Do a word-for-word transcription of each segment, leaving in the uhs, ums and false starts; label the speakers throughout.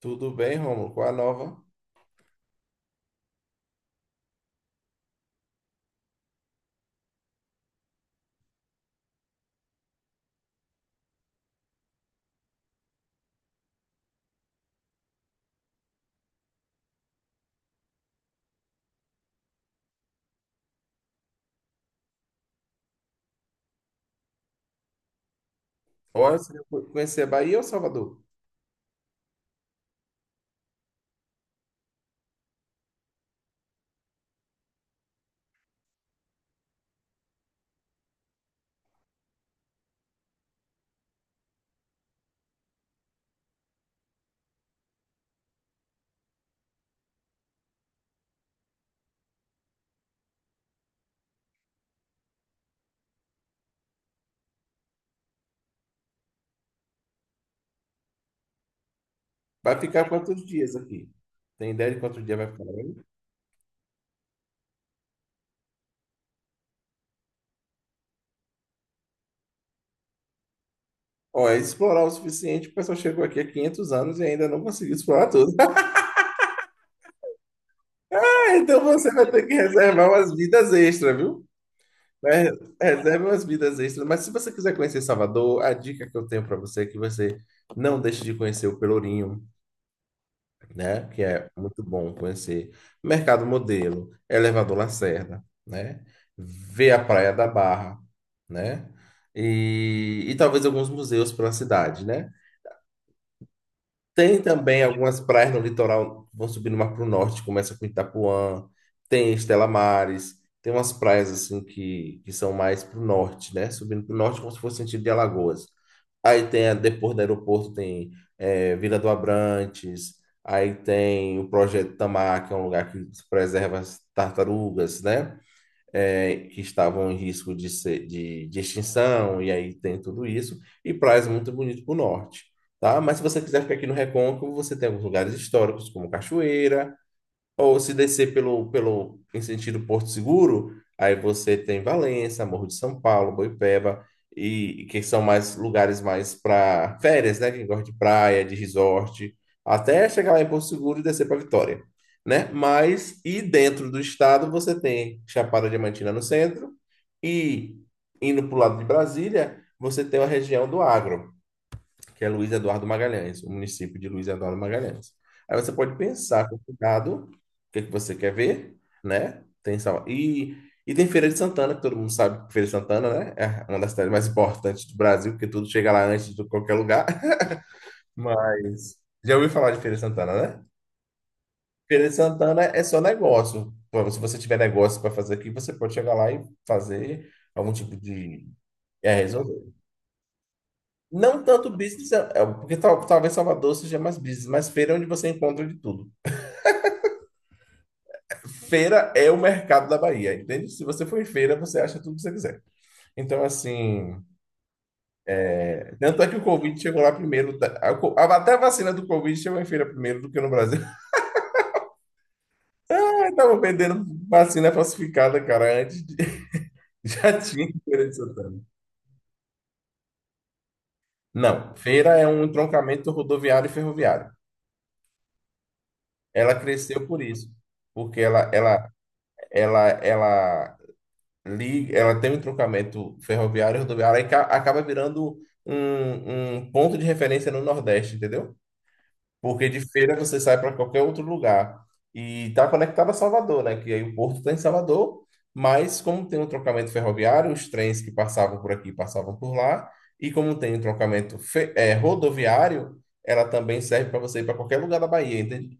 Speaker 1: Tudo bem, Romulo? Qual a nova? Olha, você vai conhecer Bahia ou Salvador? Vai ficar quantos dias aqui? Tem ideia de quantos dias vai ficar aí? Olha, explorar o suficiente, o pessoal chegou aqui há quinhentos anos e ainda não conseguiu explorar tudo. Então você vai ter que reservar umas vidas extras, viu? Né? Reserve umas vidas extras. Mas se você quiser conhecer Salvador, a dica que eu tenho para você é que você não deixe de conhecer o Pelourinho, né? Que é muito bom conhecer. Mercado Modelo, Elevador Lacerda, né? Ver a Praia da Barra, né? E, e talvez alguns museus pela cidade, né? Tem também algumas praias no litoral, vão subindo mais para o norte, começa com Itapuã, tem Estela Mares, tem umas praias assim que, que são mais para o norte, né? Subindo para o norte como se fosse sentido de Alagoas. Aí tem, a- depois do aeroporto, tem eh, Vila do Abrantes, aí tem o Projeto Tamar, que é um lugar que preserva as tartarugas, né? É, que estavam em risco de, ser, de, de extinção, e aí tem tudo isso, e praias muito bonitas para o norte, tá? Mas se você quiser ficar aqui no Recôncavo, você tem alguns lugares históricos, como Cachoeira, ou se descer pelo, pelo, em sentido Porto Seguro, aí você tem Valença, Morro de São Paulo, Boipeba, e, que são mais lugares mais para férias, né? Quem gosta de praia, de resort, até chegar lá em Porto Seguro e descer para Vitória, né? Mas, e dentro do estado, você tem Chapada Diamantina no centro, e indo para o lado de Brasília, você tem a região do agro que é Luiz Eduardo Magalhães, o município de Luiz Eduardo Magalhães. Aí você pode pensar com cuidado o que é que você quer ver, né? Tem Salva- e, e tem Feira de Santana, que todo mundo sabe que Feira de Santana, né? É uma das cidades mais importantes do Brasil, porque tudo chega lá antes de qualquer lugar. Mas já ouviu falar de Feira de Santana, né? Feira de Santana é só negócio. Bom, se você tiver negócio para fazer aqui, você pode chegar lá e fazer algum tipo de. é, Não tanto business, é- é, porque tal- talvez Salvador seja mais business, mas feira é onde você encontra de tudo. Feira é o mercado da Bahia, entende? Se você for em feira, você acha tudo que você quiser. Então, assim, tanto é que o Covid chegou lá primeiro, tá? A co- a- Até a vacina do Covid chegou em feira primeiro do que no Brasil. Aí tava vendendo vacina falsificada, cara, antes de... Já tinha em Feira de Santana. Não, feira é um entroncamento rodoviário e ferroviário. Ela cresceu por isso, porque ela, ela, ela, ela li- ela tem um entroncamento ferroviário e rodoviário e ca- acaba virando um, um ponto de referência no Nordeste, entendeu? Porque de Feira você sai para qualquer outro lugar. E está conectada a Salvador, né? Que aí o porto está em Salvador, mas como tem um trocamento ferroviário, os trens que passavam por aqui passavam por lá, e como tem um trocamento fe- eh, rodoviário, ela também serve para você ir para qualquer lugar da Bahia, entende?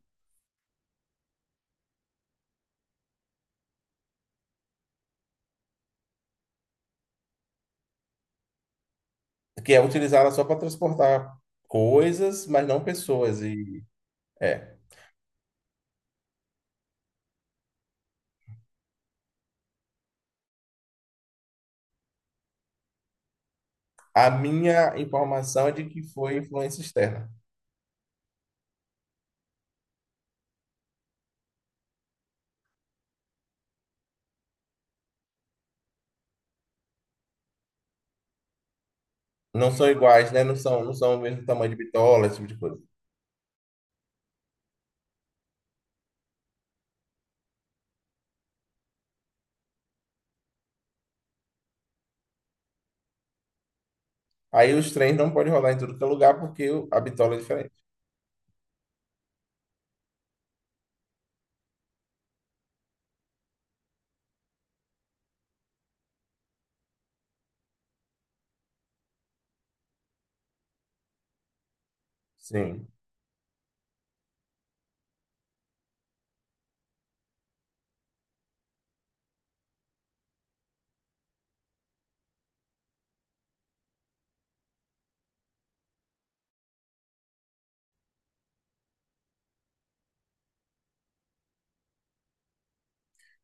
Speaker 1: Que é utilizada só para transportar coisas, mas não pessoas. E, é. A minha informação é de que foi influência externa. Não são iguais, né? Não são, não são o mesmo tamanho de bitola, esse tipo de coisa. Aí os trens não podem rodar em tudo que é lugar porque o- a bitola é diferente. Sim.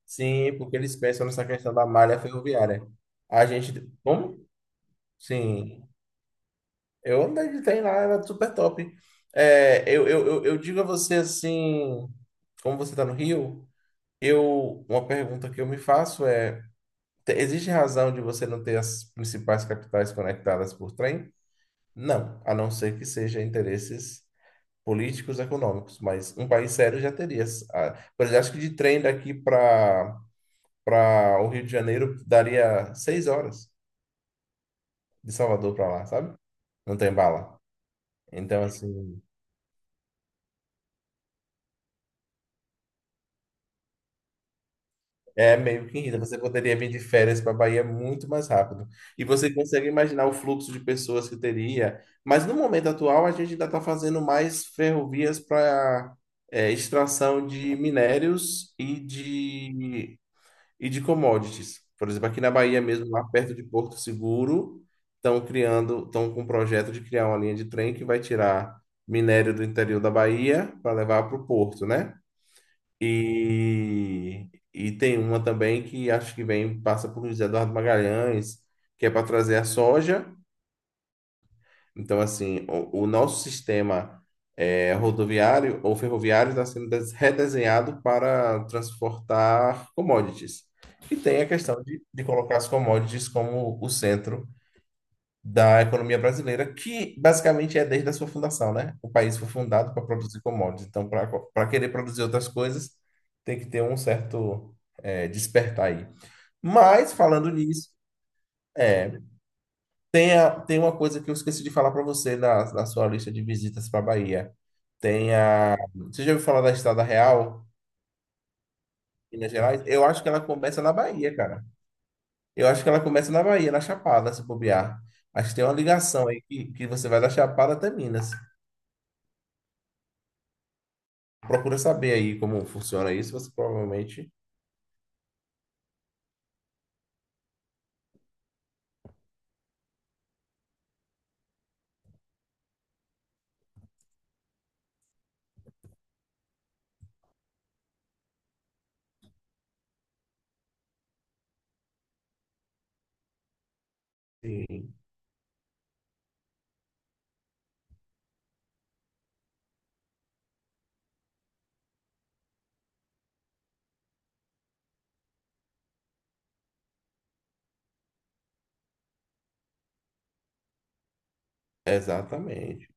Speaker 1: Sim, porque eles pensam nessa questão da malha ferroviária. A gente. Como? Sim. Eu andei de trem lá, era super top. É, eu, eu, eu, eu digo a você assim, como você está no Rio, eu, uma pergunta que eu me faço é. Te- Existe razão de você não ter as principais capitais conectadas por trem? Não, a não ser que seja interesses políticos, econômicos, mas um país sério já teria. as- a- Por exemplo, acho que de trem daqui para para o Rio de Janeiro daria seis horas de Salvador para lá, sabe? Não tem bala. Então, assim. É meio que irrita. Você poderia vir de férias para a Bahia muito mais rápido. E você consegue imaginar o fluxo de pessoas que teria. Mas no momento atual, a gente ainda está fazendo mais ferrovias para extração de minérios e de, e de commodities. Por exemplo, aqui na Bahia mesmo, lá perto de Porto Seguro, estão criando, estão com um projeto de criar uma linha de trem que vai tirar minério do interior da Bahia para levar para o porto, né? E, e tem uma também que acho que vem, passa por José Eduardo Magalhães, que é para trazer a soja. Então, assim, o, o nosso sistema eh, rodoviário ou ferroviário está sendo des- redesenhado para transportar commodities. E tem a questão de, de colocar as commodities como o centro da economia brasileira, que basicamente é desde a sua fundação, né? O país foi fundado para produzir commodities. Então, para para querer produzir outras coisas, tem que ter um certo eh, despertar aí. Mas, falando nisso, é, tem, a- tem uma coisa que eu esqueci de falar para você na, na sua lista de visitas para Bahia. Tem a... Você já ouviu falar da Estrada Real, Minas Gerais? Eu acho que ela começa na Bahia, cara. Eu acho que ela começa na Bahia, na Chapada, se bobear. Acho que tem uma ligação aí que, que você vai da Chapada até Minas. Procura saber aí como funciona isso, você provavelmente. Sim, exatamente.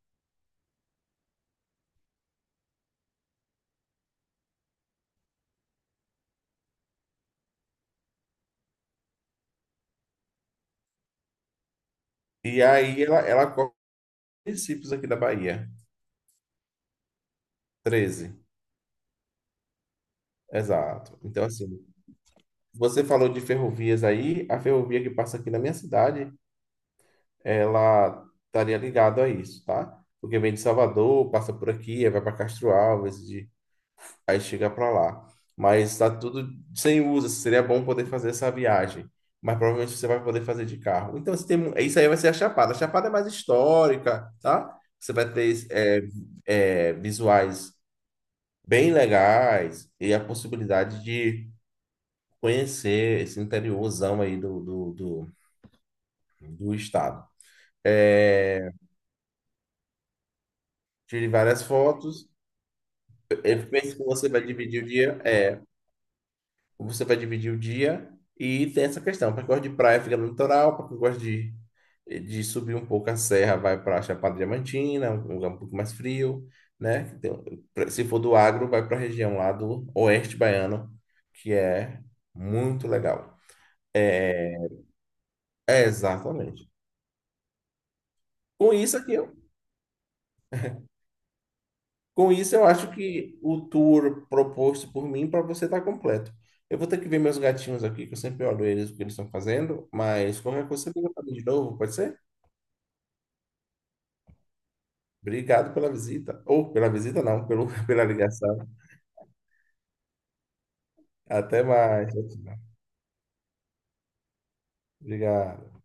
Speaker 1: E aí ela, ela cobre municípios aqui da Bahia. Treze. Exato. Então, assim, você falou de ferrovias aí, a ferrovia que passa aqui na minha cidade, ela estaria ligada a isso, tá? Porque vem de Salvador, passa por aqui, aí vai para Castro Alves, de aí chega para lá. Mas está tudo sem uso. Assim, seria bom poder fazer essa viagem. Mas provavelmente você vai poder fazer de carro. Então, você tem, mu- isso aí vai ser a Chapada. A Chapada é mais histórica, tá? Você vai ter é, é, visuais bem legais e a possibilidade de conhecer esse interiorzão aí do, do, do, do estado. É, tire várias fotos. Eu penso que você vai dividir o dia. É, você vai dividir o dia e tem essa questão. Para quem gosta de praia, fica no litoral. Para quem gosta de, de subir um pouco a serra, vai para a Chapada Diamantina, um lugar um pouco mais frio, né? Então, pra- se for do agro, vai para a região lá do Oeste Baiano, que é muito legal. É, é exatamente. Com isso aqui, eu- com isso eu acho que o tour proposto por mim para você está completo. Eu vou ter que ver meus gatinhos aqui, que eu sempre olho eles, o que eles estão fazendo, mas qualquer coisa você liga para mim de novo, pode ser? Obrigado pela visita. Ou pela visita, não, pelo, pela ligação. Até mais. Tchau, tchau. Obrigado.